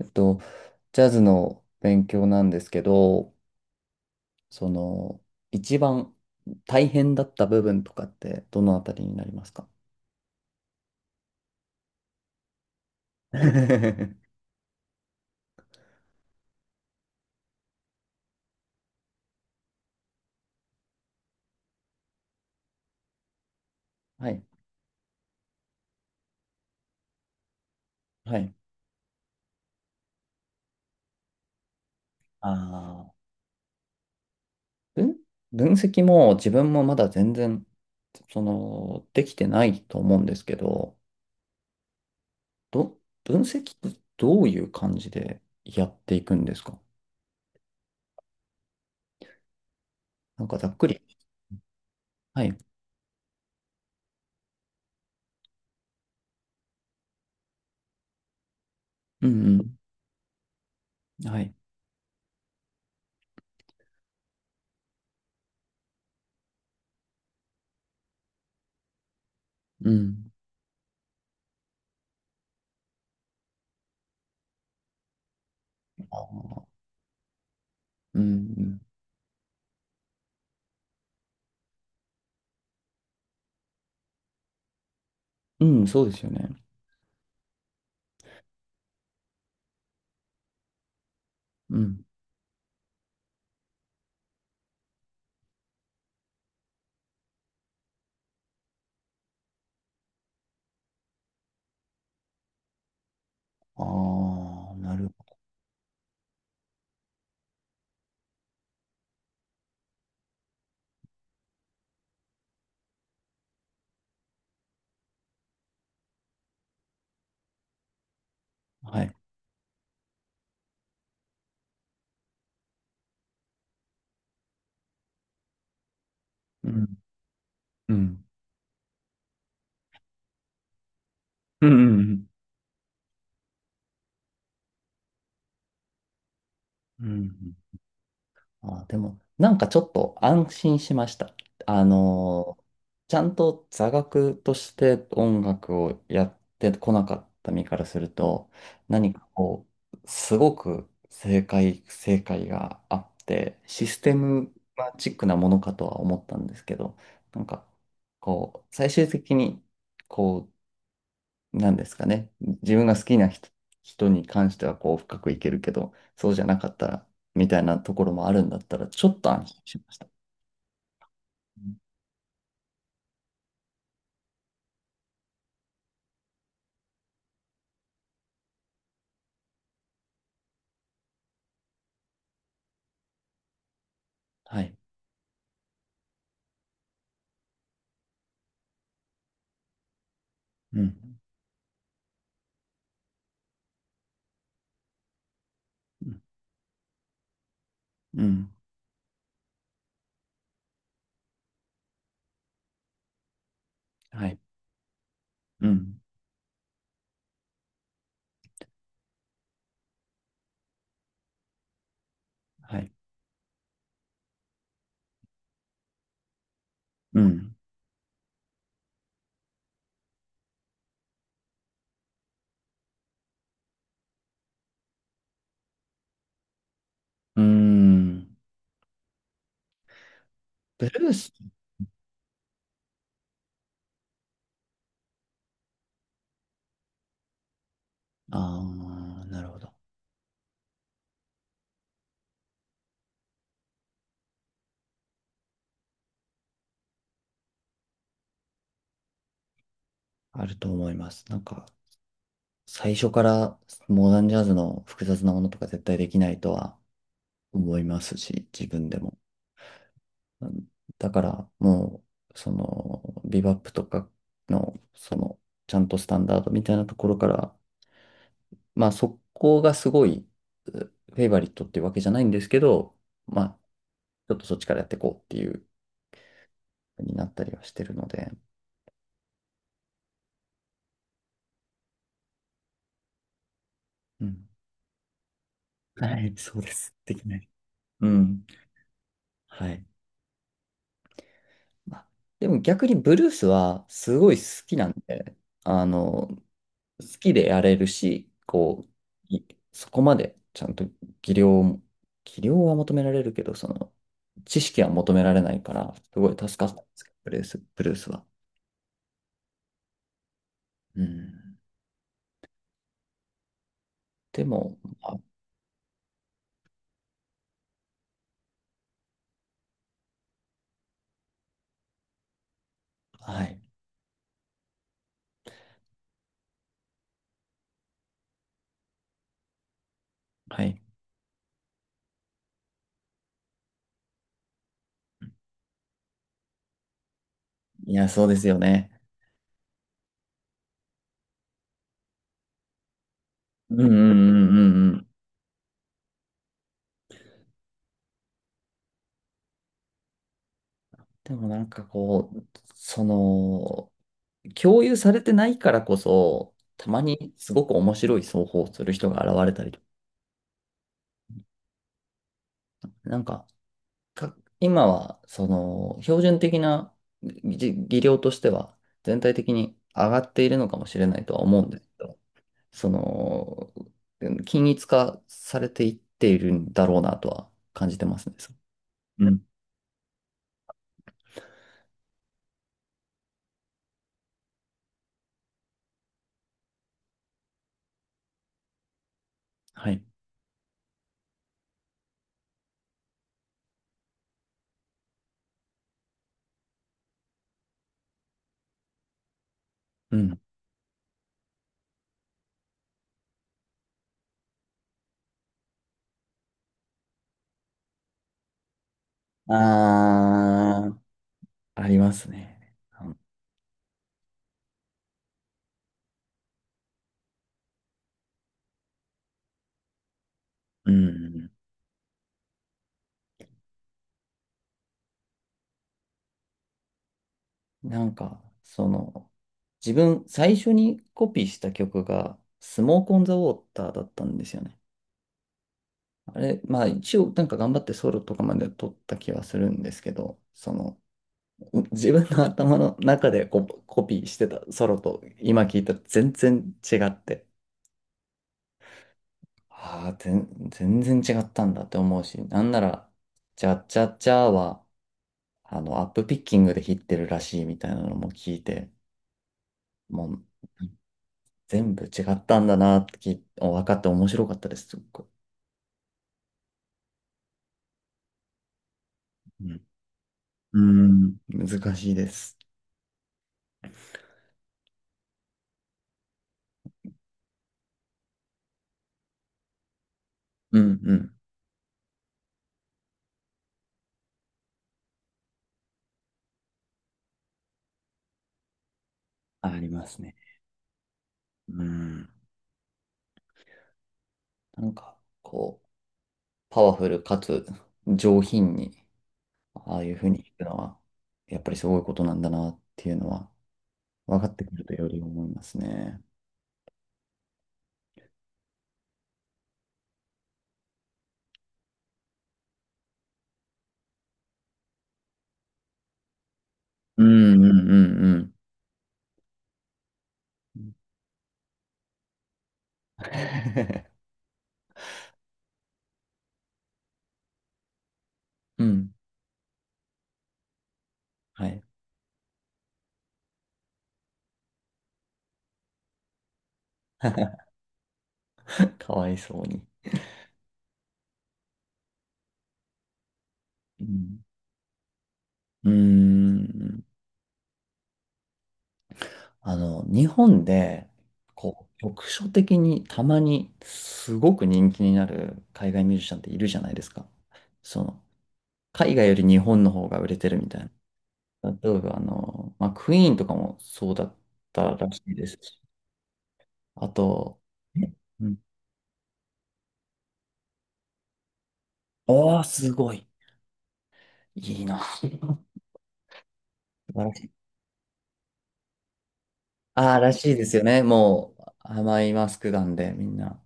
えっと、ジャズの勉強なんですけど、その、一番大変だった部分とかってどのあたりになりますか？ はい、はい。あー、分、分析も自分もまだ全然、できてないと思うんですけど、ど、分析ってどういう感じでやっていくんですか？なんかざっくり。はい。うんうん。はい。うん。あーうんうん。うん、そうですよね。うん。ああ、なるほど。はい。うん。うん。うん。うん。うん。あー、でも、なんかちょっと安心しました。あのーちゃんと座学として音楽をやってこなかった身からすると、何かこう、すごく正解、正解があって、システムマチックなものかとは思ったんですけど、なんか、こう、最終的に、こう、なんですかね。自分が好きな人、人に関してはこう深くいけるけど、そうじゃなかったら、みたいなところもあるんだったら、ちょっと安心しました。うん。はい。うん。うん。うん。はい。うん。はい。うん。うーん。ブルース。ああ、なるほど。あると思います。なんか、最初からモダンジャズの複雑なものとか絶対できないとは思いますし、自分でも。だからもう、ビバップとかの、ちゃんとスタンダードみたいなところから、まあそこがすごい、うフェイバリットっていうわけじゃないんですけど、まあ、ちょっとそっちからやっていこうっていうふうになったりはしてるので、うん。はい、そうです。できない。うん。はい。まあでも逆にブルースはすごい好きなんで、あの、好きでやれるし、う、いそこまでちゃんと技量も、技量は求められるけど、知識は求められないから、すごい助かったんですけど、ブルース、ブルースは。うん。でも、まあ、はい、はい。いや、そうですよね。うんうんうんうんうん。でもなんかこう、その、共有されてないからこそ、たまにすごく面白い奏法をする人が現れたりとか、なんか、か、今は、標準的な技技量としては、全体的に上がっているのかもしれないとは思うんですけど、その、うん均一化されていっているんだろうなとは感じてますね。そううん。はい。うん。ああ、ありますね。うん。なんか、自分、最初にコピーした曲が、スモークオンザウォーターだったんですよね。あれ、まあ一応なんか頑張ってソロとかまで撮った気はするんですけど、そのう自分の頭の中でコピーしてたソロと今聞いたら全然違って、ああ、全然違ったんだって思うし、なんなら、チャッチャッチャーはあのアップピッキングで弾ってるらしいみたいなのも聞いて、もう全部違ったんだなって聞い分かって面白かったです、すっごい。うん、うん、難しいです。うんうん。ありますね。うん。なんか、こう、パワフルかつ上品に、ああいうふうに弾くのは、やっぱりすごいことなんだなっていうのは、分かってくるとより思いますね。うんうんうんうん。うん。はい。かわいそうに。うん。うーん。あの、日本で、こう、局所的にたまにすごく人気になる海外ミュージシャンっているじゃないですか。その、海外より日本の方が売れてるみたいな。例えば、あの、まあ、クイーンとかもそうだったらしいですし。あと、うん。おー、すごい。いいな。素晴らしい。ああ、らしいですよね。もう、甘いマスクなんで、みんな。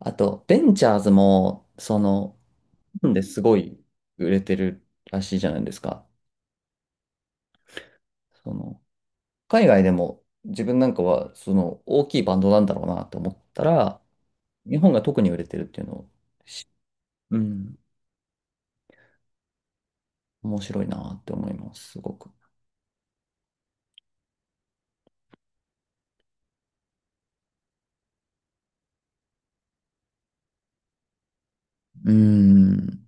あと、ベンチャーズも、日本ですごい売れてるらしいじゃないですか。その、海外でも、自分なんかは、大きいバンドなんだろうなと思ったら、日本が特に売れてるっていうのを、うん、面白いなって思います、すごく。うん。